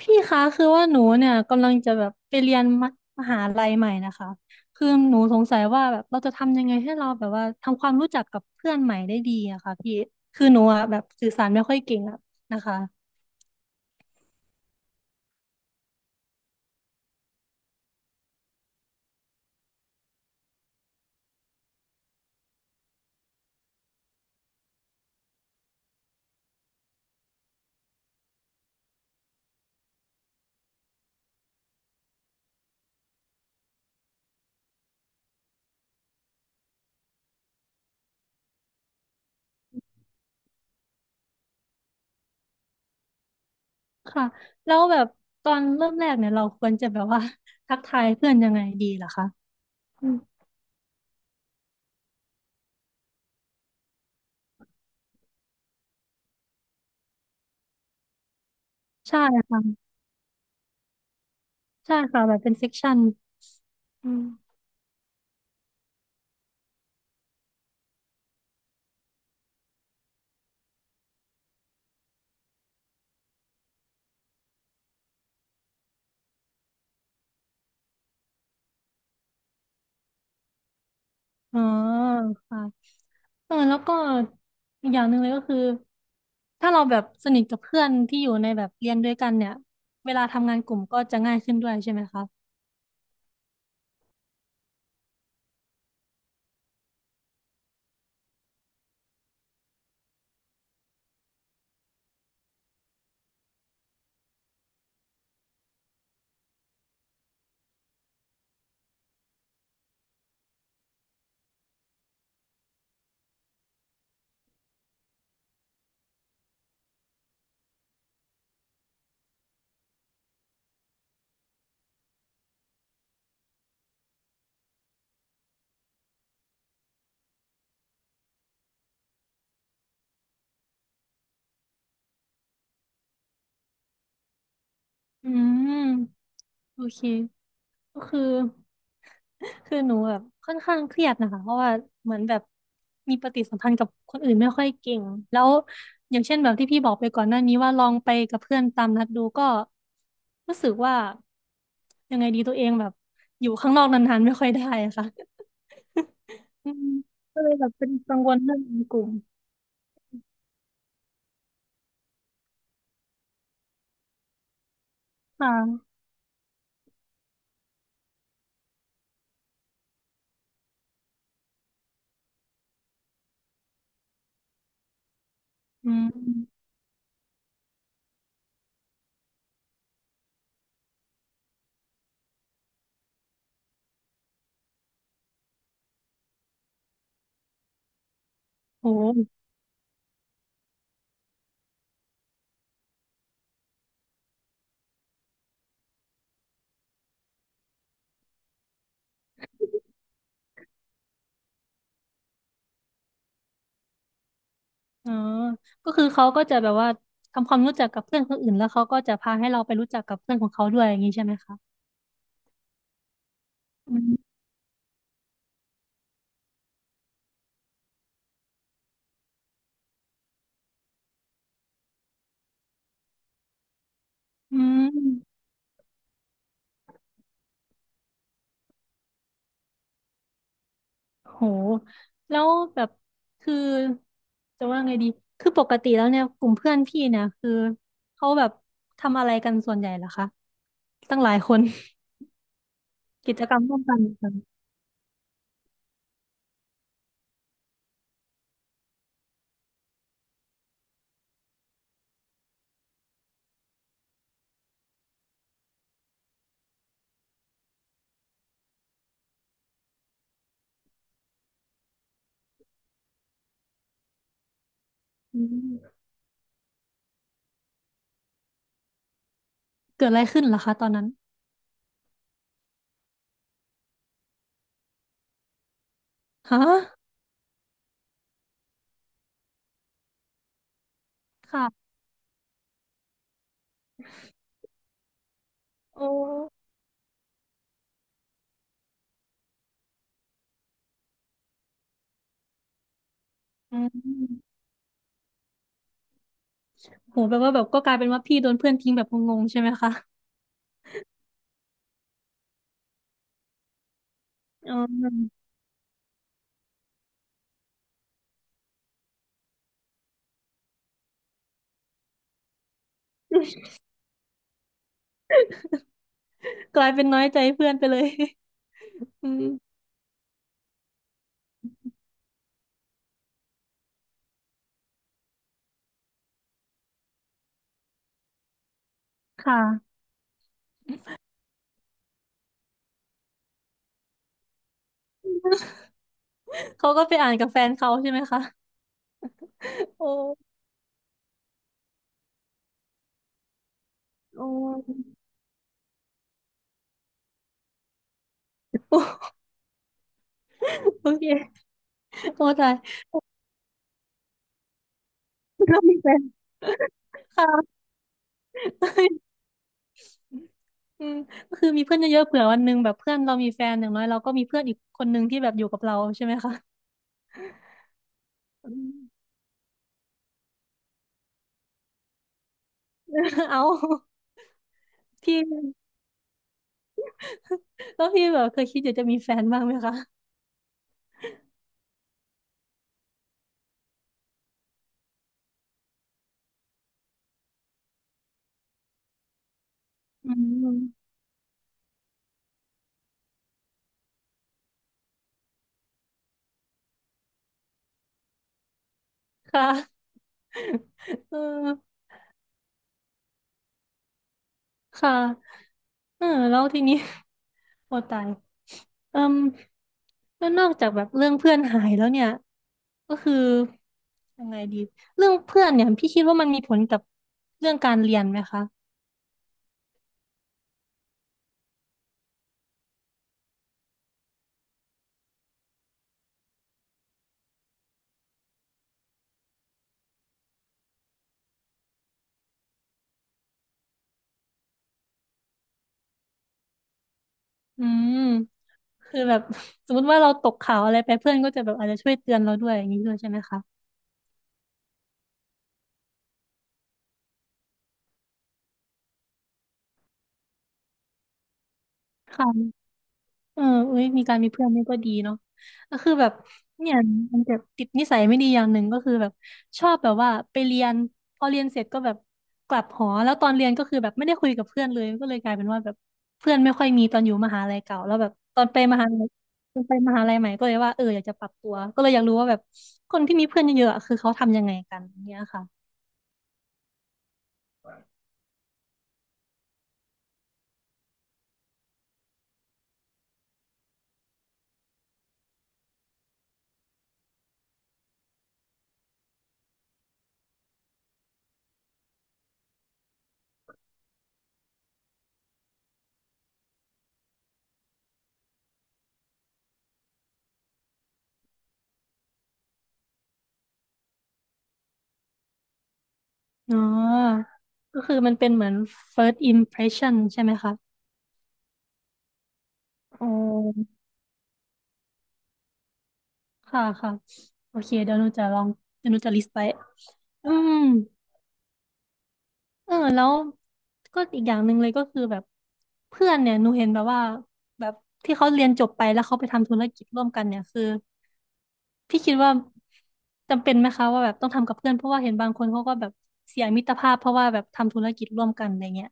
พี่คะคือว่าหนูเนี่ยกำลังจะแบบไปเรียนมมหาลัยใหม่นะคะคือหนูสงสัยว่าแบบเราจะทำยังไงให้เราแบบว่าทำความรู้จักกับเพื่อนใหม่ได้ดีอะค่ะพี่คือหนูอะแบบสื่อสารไม่ค่อยเก่งอะนะคะค่ะแล้วแบบตอนเริ่มแรกเนี่ยเราควรจะแบบว่า ทักทายเพื่อนยังไงดีล่ะคะอืมใช่ค่ะใช่ค่ะแบบเป็นเซกชันอืมอ๋อค่ะ เออแล้วก็อีกอย่างหนึ่งเลยก็คือถ้าเราแบบสนิทกับเพื่อนที่อยู่ในแบบเรียนด้วยกันเนี่ยเวลาทำงานกลุ่มก็จะง่ายขึ้นด้วยใช่ไหมคะอืมโอเคก็คือ คือหนูแบบค่อนข้างเครียดนะคะเพราะว่าเหมือนแบบมีปฏิสัมพันธ์กับคนอื่นไม่ค่อยเก่งแล้วอย่างเช่นแบบที่พี่บอกไปก่อนหน้านี้ว่าลองไปกับเพื่อนตามนัดดูก็รู้สึกว่ายังไงดีตัวเองแบบอยู่ข้างนอกนานๆไม่ค่อยได้อะค่ะ อืมก็เลยแบบเป็นกังวลเรื่องในกลุ่มค่ะอืมโหอ๋อก็คือเขาก็จะแบบว่าทำความรู้จักกับเพื่อนคนอื่นแล้วเขาก็จะพาให้เราไปรู้จักกับเพื่อนของเขาด้วยอย่างนี้ใช่ไหมคะอืมอืมโหแล้วแบบคือจะว่าไงดีคือปกติแล้วเนี่ยกลุ่มเพื่อนพี่เนี่ยคือเขาแบบทำอะไรกันส่วนใหญ่เหรอคะตั้งหลายคน กิจกรรมร่วมกันเหรออืมเกิดอะไรขึ้นเหรอคะตอนนั้นฮะค่ะโอ้ อืมโหแปลว่าแบบก็กลายเป็นว่าพี่โดนเพื่อนทิ้งแบบงงๆใช่ไหมคะอ๋อกลายเป็นน้อยใจเพื่อนไปเลยอืมค่ะเขาก็ไปอ่านกับแฟนเขาใช่ไหมคะโอ้โอ้โอเคโอ้ตายเรามีแฟนค่ะ อืมก็คือมีเพื่อนเยอะๆเผื่อวันหนึ่งแบบเพื่อนเรามีแฟนอย่างน้อยเราก็มีเพื่อนอีกคนหนึ่งที่แบบอยู่กับเราใช่ไหมคะอืม เอาพี่แล้วพี่แบบเคยคิดอยากจะมีแฟนบ้างไหมคะอืมค่ะเออค่ะ เออแล้วทีนี้ โอตายเอิ่มแล้วนอกจากแบบเรื่องเพื่อนหายแล้วเนี่ยก็คือยังไงดีเรื่องเพื่อนเนี่ยพี่คิดว่ามันมีผลกับเรื่องการเรียนไหมคะอืมคือแบบ สมมติว่าเราตกข่าวอะไรไปเพื่อนก็จะแบบอาจจะช่วยเตือนเราด้วยอย่างนี้ด้วยใช่ไหมคะค่ะ เออเอ้ยมีการมีเพื่อนนี่ก็ดีเนาะก็คือแบบเนี่ยมันจะติดนิสัยไม่ดีอย่างหนึ่งก็คือแบบชอบแบบว่าไปเรียนพอเรียนเสร็จก็แบบกลับหอแล้วตอนเรียนก็คือแบบไม่ได้คุยกับเพื่อนเลยก็เลยกลายเป็นว่าแบบเพื่อนไม่ค่อยมีตอนอยู่มหาลัยเก่าแล้วแบบตอนไปมหาลัยตอนไปมหาลัยใหม่ก็เลยว่าเอออยากจะปรับตัวก็เลยอยากรู้ว่าแบบคนที่มีเพื่อนเยอะๆอะคือเขาทำยังไงกันเนี่ยค่ะอ๋อก็คือมันเป็นเหมือน first impression ใช่ไหมคะอ๋อ ค่ะค่ะโอเคเดี๋ยวหนูจะลองเดี๋ยวหนูจะลิสต์ไปอืมเออแล้วก็อีกอย่างหนึ่งเลยก็คือแบบเพื่อนเนี่ยหนูเห็นแบบว่าแบบที่เขาเรียนจบไปแล้วเขาไปทำธุรกิจร่วมกันเนี่ยคือพี่คิดว่าจำเป็นไหมคะว่าแบบต้องทำกับเพื่อนเพราะว่าเห็นบางคนเขาก็แบบเสียมิตรภาพเพราะว่าแบบทำธุรกิจร่วมกันอะไรเงี้ย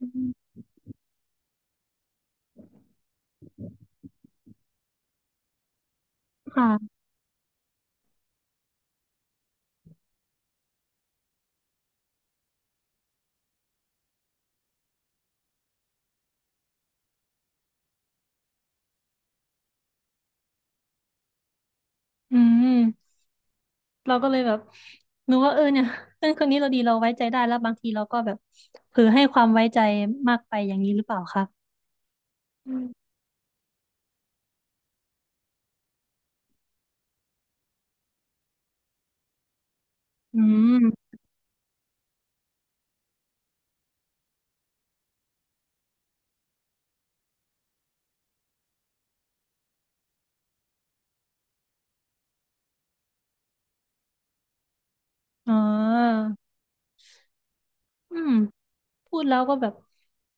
อืมค่ะอืมเราก็เลยแบบหนูว่าเออเนี่ยเพื่อนคนนี้เราดีเราไว้ใจได้แล้วบางทีเราก็แบบเผลอให้ความไว้ใจมากไปอย่างนี้หรือเปล่าคะ อืมอืมอ๋ออืม พูดแล้วก็แบบ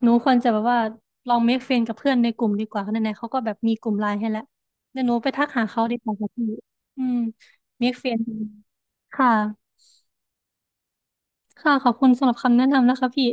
หนูควรจะแบบว่าลองเมคเฟรนกับเพื่อนในกลุ่มดีกว่าเพราะไหนๆเขาก็แบบมีกลุ่มไลน์ให้แล้วเดี๋ยวหนูไปทักหาเขาดีกว่าค่ะพี่ อืมเมคเฟรนค่ะค่ะ ขอบคุณสำหรับคำแนะนำนะคะพี่